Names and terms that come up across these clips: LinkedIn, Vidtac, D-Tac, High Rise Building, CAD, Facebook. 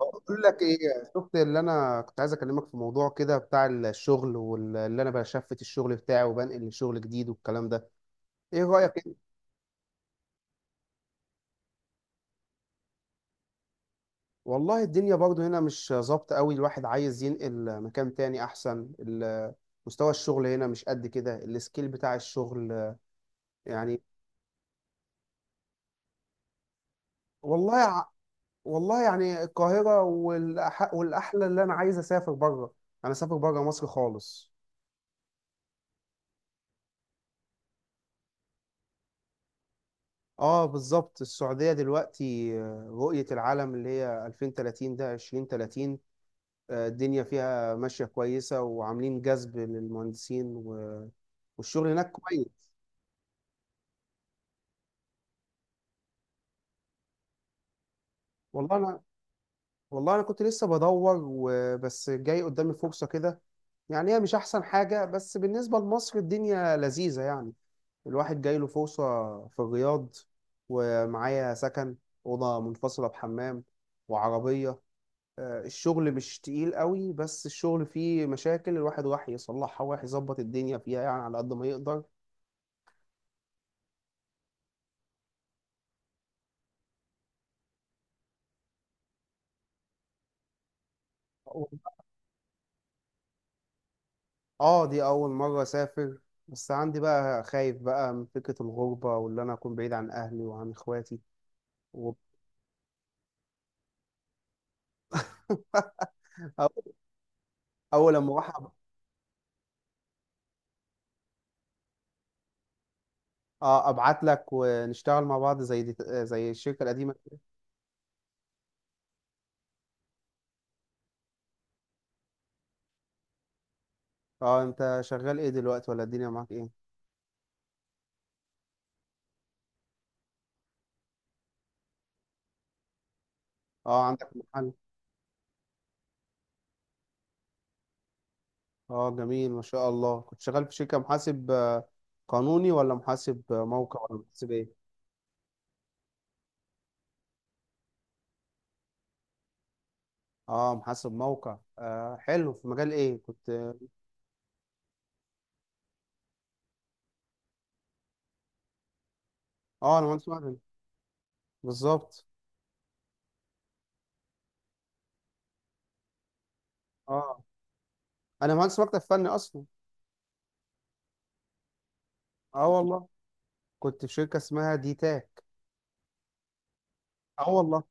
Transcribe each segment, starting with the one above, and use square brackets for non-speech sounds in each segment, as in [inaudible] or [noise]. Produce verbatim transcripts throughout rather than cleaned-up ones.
بقول لك ايه. شفت اللي انا كنت عايز اكلمك في موضوع كده بتاع الشغل، واللي انا بشفت الشغل بتاعي وبنقل لشغل جديد والكلام ده. ايه رايك إيه؟ والله الدنيا برضو هنا مش ظابطه قوي، الواحد عايز ينقل مكان تاني احسن ال- مستوى الشغل هنا مش قد كده، السكيل بتاع الشغل يعني. والله ع- والله يعني القاهره، والأح- والاحلى اللي انا عايز اسافر بره. انا اسافر بره مصر خالص. اه بالظبط، السعودية دلوقتي آه، رؤية العالم اللي هي ألفين وثلاثين، ده ألفين ثلاثين. آه، الدنيا فيها ماشية كويسة وعاملين جذب للمهندسين و- والشغل هناك كويس. والله انا والله انا كنت لسه بدور، وبس جاي قدامي فرصة كده. يعني هي مش احسن حاجة، بس بالنسبة لمصر الدنيا لذيذة يعني. الواحد جاي له فرصة في الرياض، ومعايا سكن، أوضة منفصلة بحمام، وعربية. آه، الشغل مش تقيل قوي، بس الشغل فيه مشاكل الواحد راح يصلحها وراح يظبط الدنيا فيها يعني على قد ما يقدر. أول- اه، دي اول مرة اسافر. بس عندي بقى خايف بقى من فكرة الغربة، واللي انا اكون بعيد عن اهلي وعن اخواتي و- [laughs] أو- اول لما اروح أب- آه، ابعت لك ونشتغل مع بعض زي دي، آه، زي الشركة القديمة. اه، انت شغال ايه دلوقتي ولا الدنيا معاك ايه؟ اه، عندك محل. اه جميل، ما شاء الله. كنت شغال في شركة محاسب آه، قانوني، ولا محاسب آه، موقع، ولا محاسب ايه؟ اه، محاسب موقع. آه حلو، في مجال ايه كنت؟ اه، انا مهندس مدني. بالظبط. اه، انا مهندس مكتب فني اصلا. اه والله، كنت في شركة اسمها دي تاك. اه والله،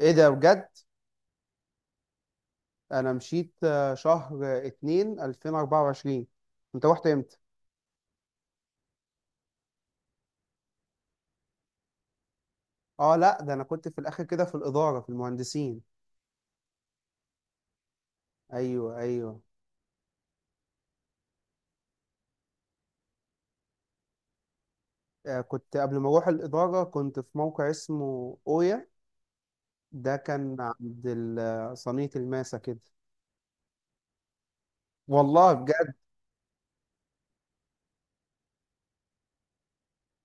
ايه ده بجد؟ انا مشيت آه، شهر آه، اتنين ألفين واربعة وعشرين. انت رحت امتى؟ اه لا، ده انا كنت في الاخر كده في الإدارة في المهندسين. ايوه ايوه. آه، كنت قبل ما اروح الاداره كنت في موقع اسمه اويا. ده كان عند ال- آه، صينيه الماسه كده. والله بجد.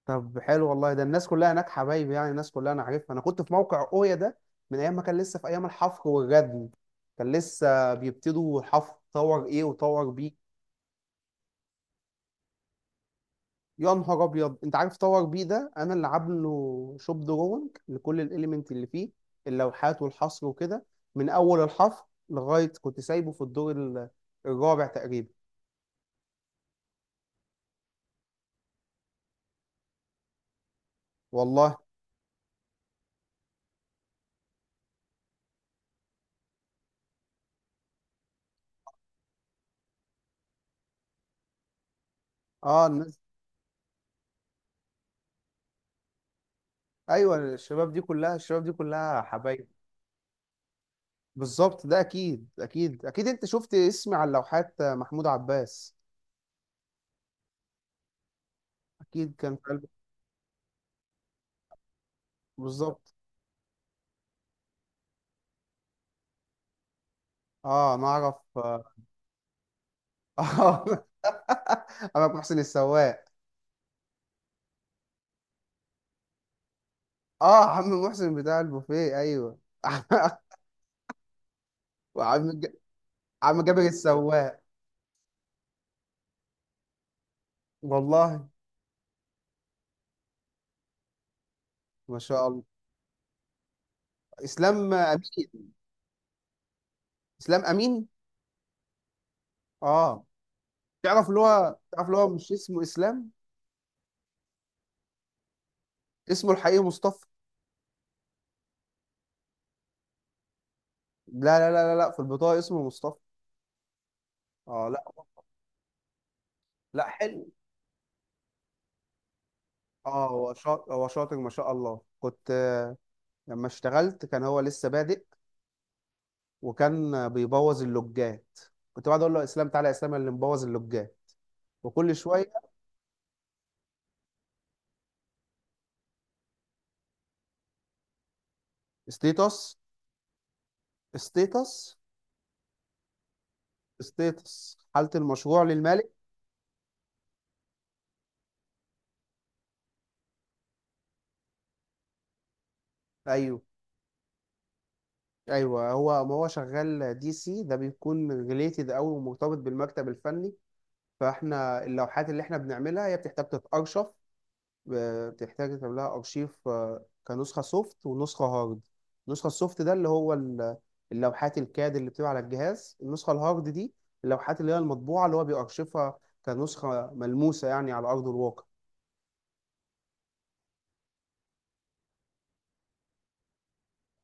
طب حلو والله، ده الناس كلها هناك حبايبي يعني، الناس كلها انا عارفها. انا كنت في موقع اويا ده من ايام ما كان لسه في ايام الحفر والردم. كان لسه بيبتدوا الحفر، طور ايه وطور بي. يا نهار ابيض! انت عارف باور بي ده انا اللي عامله شوب دروينج لكل الاليمنت اللي فيه، اللوحات والحصر وكده، من اول الحفر لغايه كنت سايبه في الدور ال- الرابع تقريبا. والله. اه الناس. ايوه، الشباب دي كلها الشباب دي كلها حبايب. بالظبط، ده اكيد اكيد اكيد. انت شفت اسمي على اللوحات، محمود عباس. اكيد كان في قلبك. بالظبط. اه، انا اعرف. اه. [laughs] انا محسن السواق. اه، عم محسن بتاع البوفيه، ايوه. [laughs] وعم ج- عم جابر السواق. والله. ما شاء الله. اسلام امين. اسلام امين. اه. تعرف اللي هو تعرف اللي هو مش اسمه اسلام. اسمه الحقيقي مصطفى. لا لا لا لا لا، في البطاقه اسمه مصطفى. اه لا. لا حلو. اه، هو شاطر هو شاطر، ما شاء الله. كنت آه، لما اشتغلت كان هو لسه بادئ، وكان آه، بيبوظ اللوجات. كنت بقعد اقول له، يا اسلام تعالى، يا اسلام اللي مبوظ اللوجات، وكل شويه. ستيتس. ستيتس. ستيتس، حالة المشروع للمالك. ايوه ايوه. هو ما هو شغال دي سي، ده بيكون ريليتد قوي ومرتبط بالمكتب الفني. فاحنا اللوحات اللي احنا بنعملها هي بتحتاج تتأرشف، آه، بتحتاج يتعمل لها ارشيف، آه، كنسخة سوفت ونسخة هارد. النسخة السوفت ده اللي هو ال- اللوحات الكاد اللي بتبقى على الجهاز. النسخة الهارد دي اللوحات اللي هي المطبوعة اللي هو بيأرشفها، كنسخة ملموسة يعني على أرض الواقع.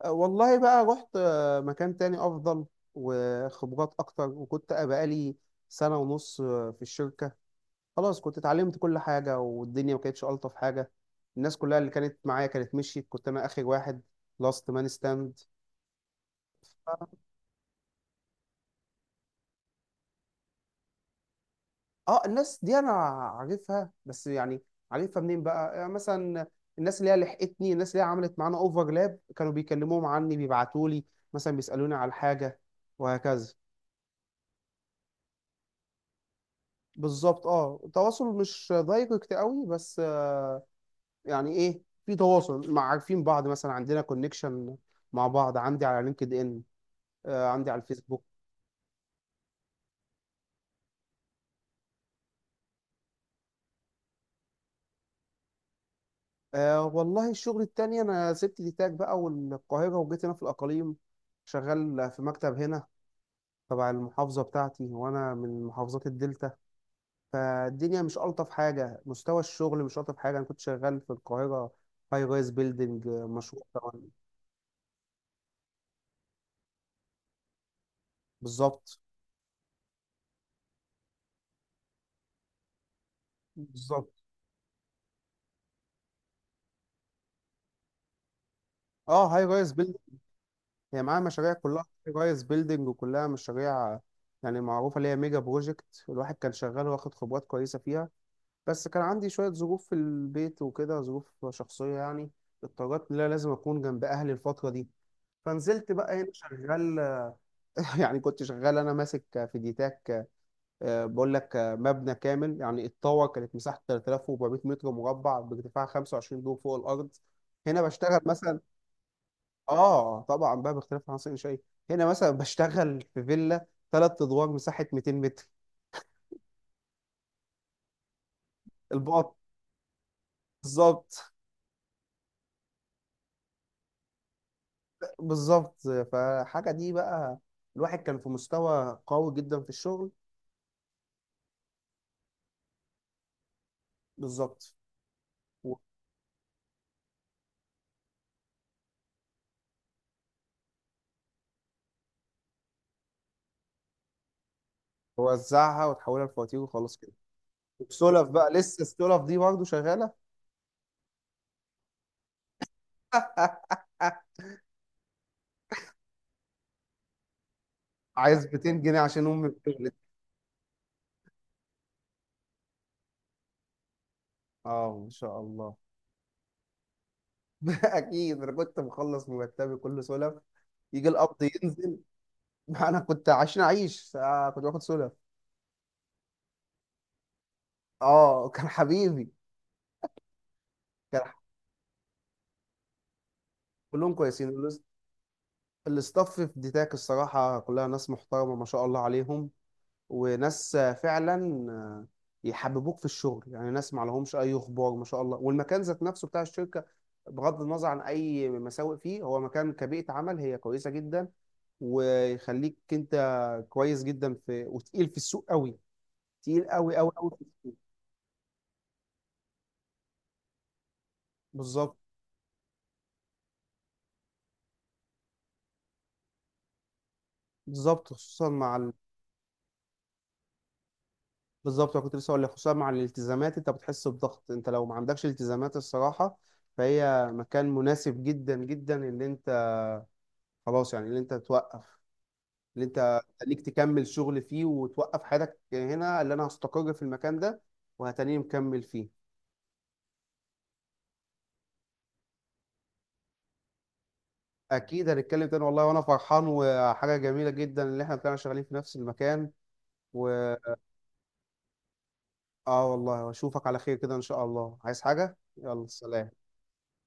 والله بقى، رحت آه، مكان تاني افضل، وخبرات اكتر، وكنت بقالي سنة ونص آه، في الشركة. خلاص، كنت اتعلمت كل حاجة، والدنيا ما كانتش الطف حاجة. الناس كلها اللي كانت معايا كانت مشيت، كنت انا اخر واحد، لاست مان ستاند. اه، آه، الناس دي انا عارفها، بس يعني عارفها منين بقى يعني، مثلا الناس اللي هي لحقتني، الناس اللي هي عملت معانا اوفرلاب، كانوا بيكلموهم عني، بيبعتوا لي مثلا بيسالوني على حاجه، وهكذا. بالظبط. اه، تواصل مش دايركت قوي، بس آه، يعني ايه، في تواصل، مع عارفين بعض مثلا، عندنا كونكشن مع بعض، عندي على لينكد ان، آه عندي على الفيسبوك. آه والله، الشغل التاني انا سبت دي تاج بقى والقاهرة وجيت هنا في الاقاليم، شغال في مكتب هنا تبع المحافظة بتاعتي، وانا من محافظات الدلتا. فالدنيا مش الطف حاجة، مستوى الشغل مش الطف حاجة. انا كنت شغال في القاهرة، هاي رايز بيلدينج، مشروع طبعاً. بالظبط. بالظبط. اه هاي رايز. هي معاها مشاريع كلها جايز بيلدينج، وكلها مشاريع يعني معروفة، اللي هي ميجا بروجكت. الواحد كان شغال واخد خبرات كويسة فيها، بس كان عندي شوية ظروف في البيت وكده، ظروف شخصية يعني. اضطريت إن أنا لازم أكون جنب أهلي الفترة دي، فنزلت بقى هنا شغال. [laughs] يعني كنت شغال أنا ماسك فيديتاك آه، بقول لك آه، مبنى كامل يعني الطاوة كانت مساحته ثلاثة آلاف واربعمائة متر مربع بارتفاع خمسة وعشرين دور فوق الأرض. هنا بشتغل مثلا. اه طبعا بقى، باختلاف العناصر شيء. هنا مثلا بشتغل في فيلا ثلاث ادوار، مساحه ميتين متر. البقط. بالظبط. بالظبط، فحاجه دي بقى، الواحد كان في مستوى قوي جدا في الشغل. بالظبط، ووزعها وتحولها لفواتير وخلاص كده. السلف بقى، لسه السلف دي برضه شغاله. [laughs] عايز ميتين جنيه عشان امي بتولد. اه، ما شاء الله. [laughs] اكيد انا كنت مخلص مرتبي كله سلف، يجي القبض ينزل. [laughs] انا كنت عشان اعيش آه، كنت باخد سودا. اه، كان حبيبي. كان ح- كلهم كويسين الاس- الاستاف في ديتاك الصراحه كلها ناس محترمه، ما شاء الله عليهم. وناس آه، فعلا آه، يحببوك في الشغل، يعني ناس ما لهمش اي اخبار، ما شاء الله. والمكان ذات نفسه بتاع الشركه، بغض النظر عن اي مساوئ فيه، هو مكان كبيئه عمل هي كويسه جدا، ويخليك انت كويس جدا، في وتقيل في السوق قوي، تقيل قوي قوي قوي في السوق. بالظبط. بالظبط، خصوصا مع. بالظبط، انا كنت لسه هقول لك، خصوصا مع الالتزامات انت بتحس بضغط. انت لو ما عندكش التزامات الصراحه، فهي مكان مناسب جدا جدا، اللي انت خلاص يعني، اللي انت توقف، اللي انت خليك تكمل شغل فيه، وتوقف حياتك هنا، اللي انا هستقر في المكان ده، وهتاني مكمل فيه. اكيد هنتكلم تاني والله، وانا فرحان، وحاجه جميله جدا اللي احنا طلعنا شغالين في نفس المكان. و... اه والله، واشوفك على خير كده ان شاء الله. عايز حاجه؟ يلا سلام.